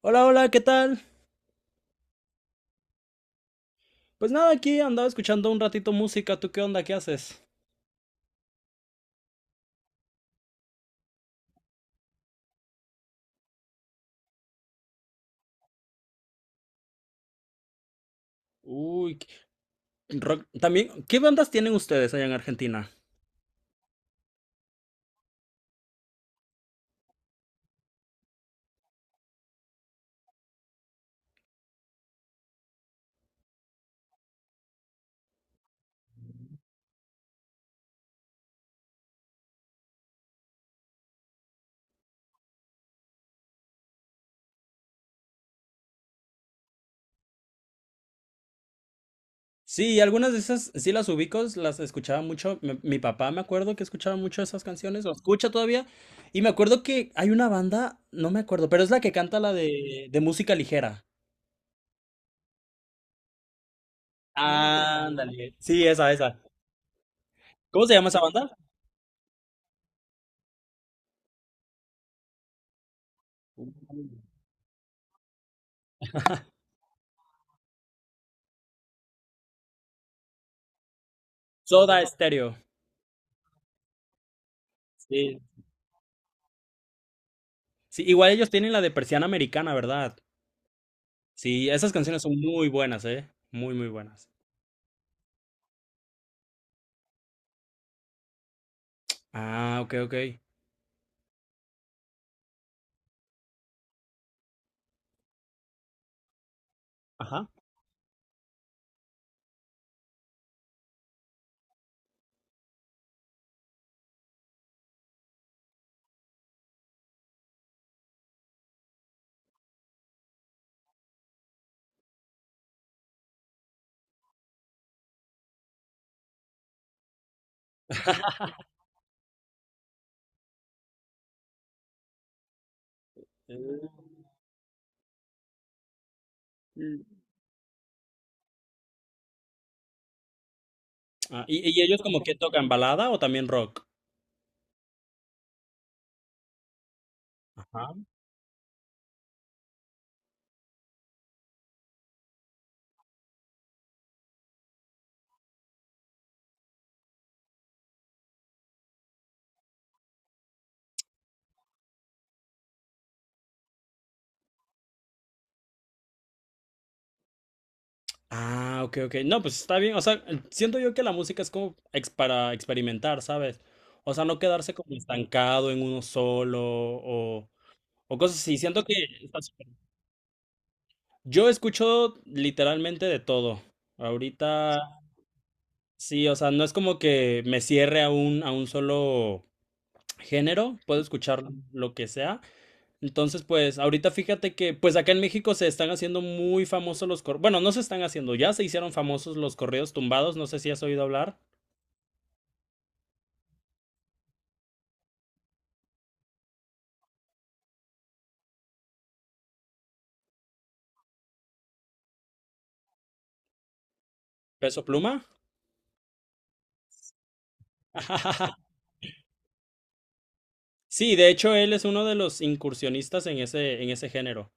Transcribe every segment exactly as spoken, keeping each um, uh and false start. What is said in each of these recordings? Hola, hola, ¿qué tal? Pues nada, aquí andaba escuchando un ratito música. ¿Tú qué onda? ¿Qué haces? Uy, qué- rock. También, ¿qué bandas tienen ustedes allá en Argentina? Sí, algunas de esas sí las ubico, las escuchaba mucho. Mi, mi papá me acuerdo que escuchaba mucho esas canciones, o escucha todavía. Y me acuerdo que hay una banda, no me acuerdo, pero es la que canta la de, de música ligera. Ándale. Sí, esa, esa. ¿Cómo se llama esa banda? Soda Stereo. Sí, sí, igual ellos tienen la de Persiana Americana, ¿verdad? Sí, esas canciones son muy buenas, ¿eh? Muy, muy buenas. Ah, ok, ok. Ajá. Mm. Ah, ¿y, y ellos como que tocan balada o también rock? Ajá. Ah, ok, ok. No, pues está bien. O sea, siento yo que la música es como ex- para experimentar, ¿sabes? O sea, no quedarse como estancado en uno solo o, o cosas así. Siento que está súper. Yo escucho literalmente de todo. Ahorita sí, o sea, no es como que me cierre a un, a un solo género, puedo escuchar lo que sea. Entonces, pues, ahorita fíjate que, pues acá en México se están haciendo muy famosos los corridos, bueno, no se están haciendo, ya se hicieron famosos los corridos tumbados, no sé si has oído hablar. Peso Pluma. Sí, de hecho, él es uno de los incursionistas en ese, en ese género.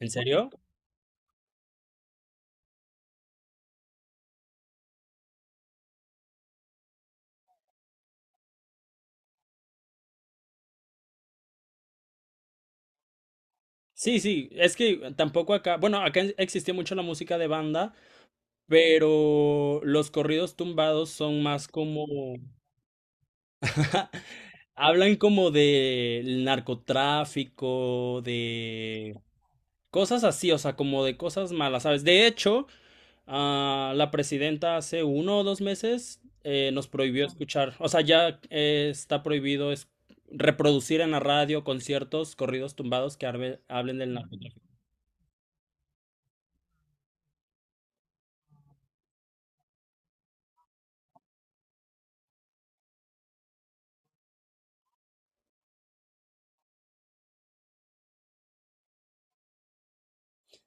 ¿En serio? Sí, sí, es que tampoco acá, bueno, acá en- existía mucho la música de banda, pero los corridos tumbados son más como... Hablan como del narcotráfico, de cosas así, o sea, como de cosas malas, ¿sabes? De hecho, ah, la presidenta hace uno o dos meses eh, nos prohibió escuchar, o sea, ya eh, está prohibido es- reproducir en la radio conciertos, corridos tumbados que arbe- hablen del narcotráfico.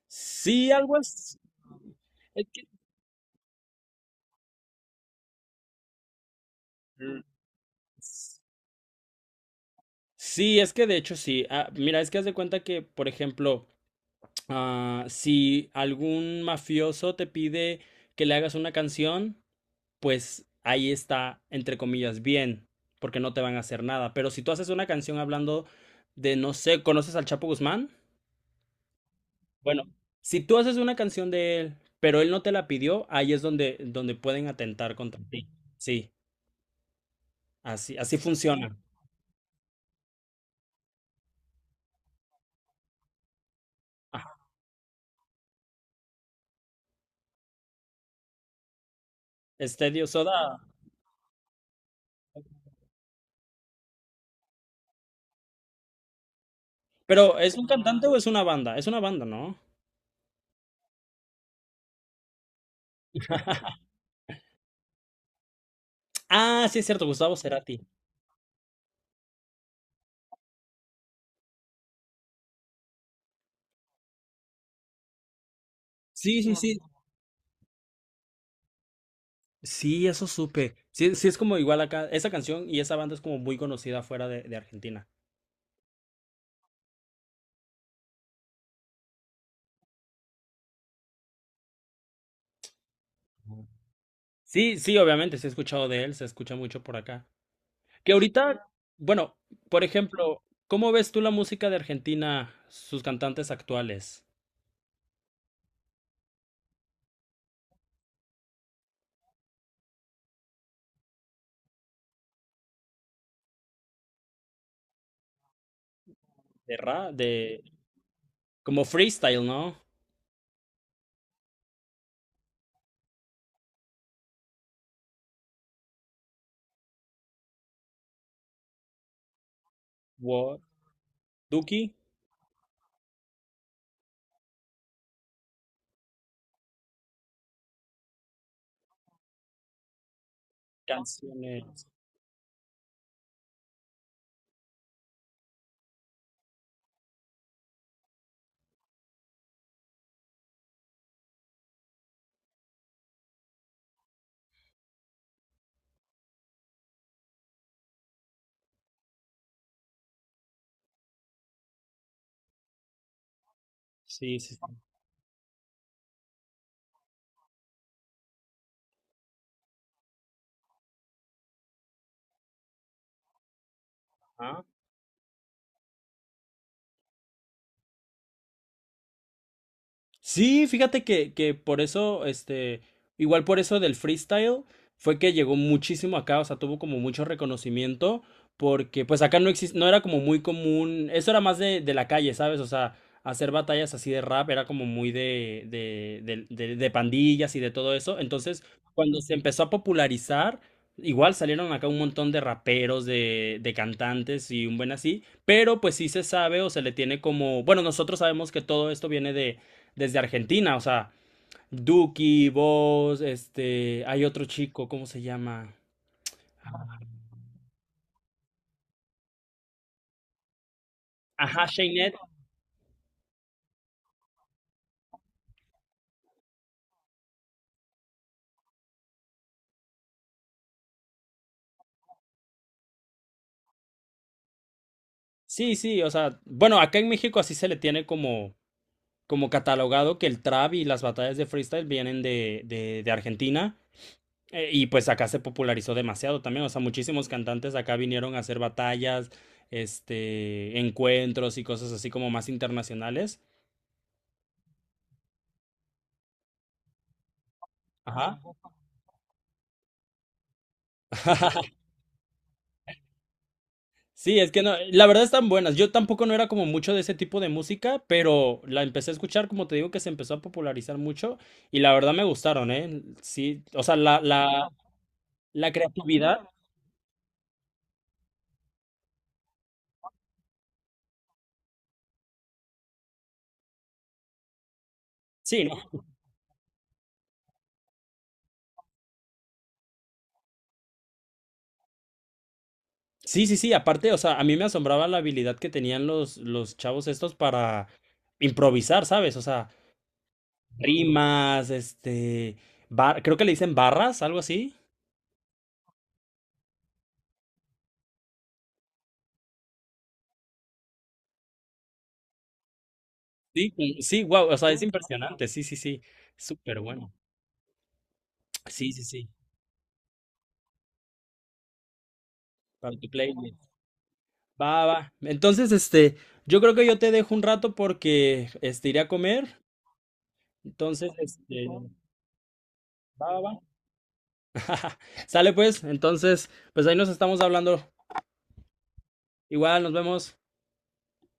Sí, algo así. Es que- mm, s- sí, es que de hecho sí. Ah, mira, es que haz de cuenta que, por ejemplo, ah, si algún mafioso te pide que le hagas una canción, pues ahí está, entre comillas, bien, porque no te van a hacer nada. Pero si tú haces una canción hablando de, no sé, ¿conoces al Chapo Guzmán? Bueno, si tú haces una canción de él, pero él no te la pidió, ahí es donde, donde pueden atentar contra ti. Sí, así, así funciona. Ajá. Estadio Soda. Pero, ¿es un cantante o es una banda? Es una banda, ¿no? Ah, sí, es cierto, Gustavo Cerati. Sí, sí, sí. Sí, eso supe. Sí, sí, es como igual acá. Esa canción y esa banda es como muy conocida fuera de, de Argentina. Sí, sí, obviamente, sí he escuchado de él, se escucha mucho por acá. Que ahorita, bueno, por ejemplo, ¿cómo ves tú la música de Argentina, sus cantantes actuales? De ra, de como freestyle, ¿no? Wo- Duki, canciones. Sí, sí, sí. Sí, fíjate que, que por eso, este, igual por eso del freestyle, fue que llegó muchísimo acá, o sea, tuvo como mucho reconocimiento, porque pues acá no existe, no era como muy común, eso era más de, de la calle, ¿sabes? O sea, hacer batallas así de rap era como muy de, de, del- de- de pandillas y de todo eso, entonces cuando se empezó a popularizar, igual salieron acá un montón de raperos, de, de cantantes y un buen así, pero pues sí se sabe o se le tiene como, bueno, nosotros sabemos que todo esto viene desde Argentina, o sea, Duki, vos, este, hay otro chico, ¿cómo se llama? Ajá, Shaynet. Sí, sí, o sea, bueno, acá en México así se le tiene como, como catalogado que el trap y las batallas de freestyle vienen de, de, de Argentina. Eh, y pues acá se popularizó demasiado también, o sea, muchísimos cantantes acá vinieron a hacer batallas, este, encuentros y cosas así como más internacionales. Ajá. Sí, es que no, la verdad están buenas. Yo tampoco no era como mucho de ese tipo de música, pero la empecé a escuchar, como te digo, que se empezó a popularizar mucho y la verdad me gustaron, ¿eh? Sí, o sea, la, la, la creatividad. Sí, ¿no? Sí, sí, sí, aparte, o sea, a mí me asombraba la habilidad que tenían los, los chavos estos para improvisar, ¿sabes? O sea, rimas, este, bar- creo que le dicen barras, algo así. Sí, sí, wow, o sea, es impresionante, sí, sí, sí, súper bueno. Sí, sí, sí, para tu playlist. Va, va. Entonces, este, yo creo que yo te dejo un rato porque, este, iré a comer. Entonces, este, sale pues. Entonces, pues ahí nos estamos hablando. Igual, nos vemos.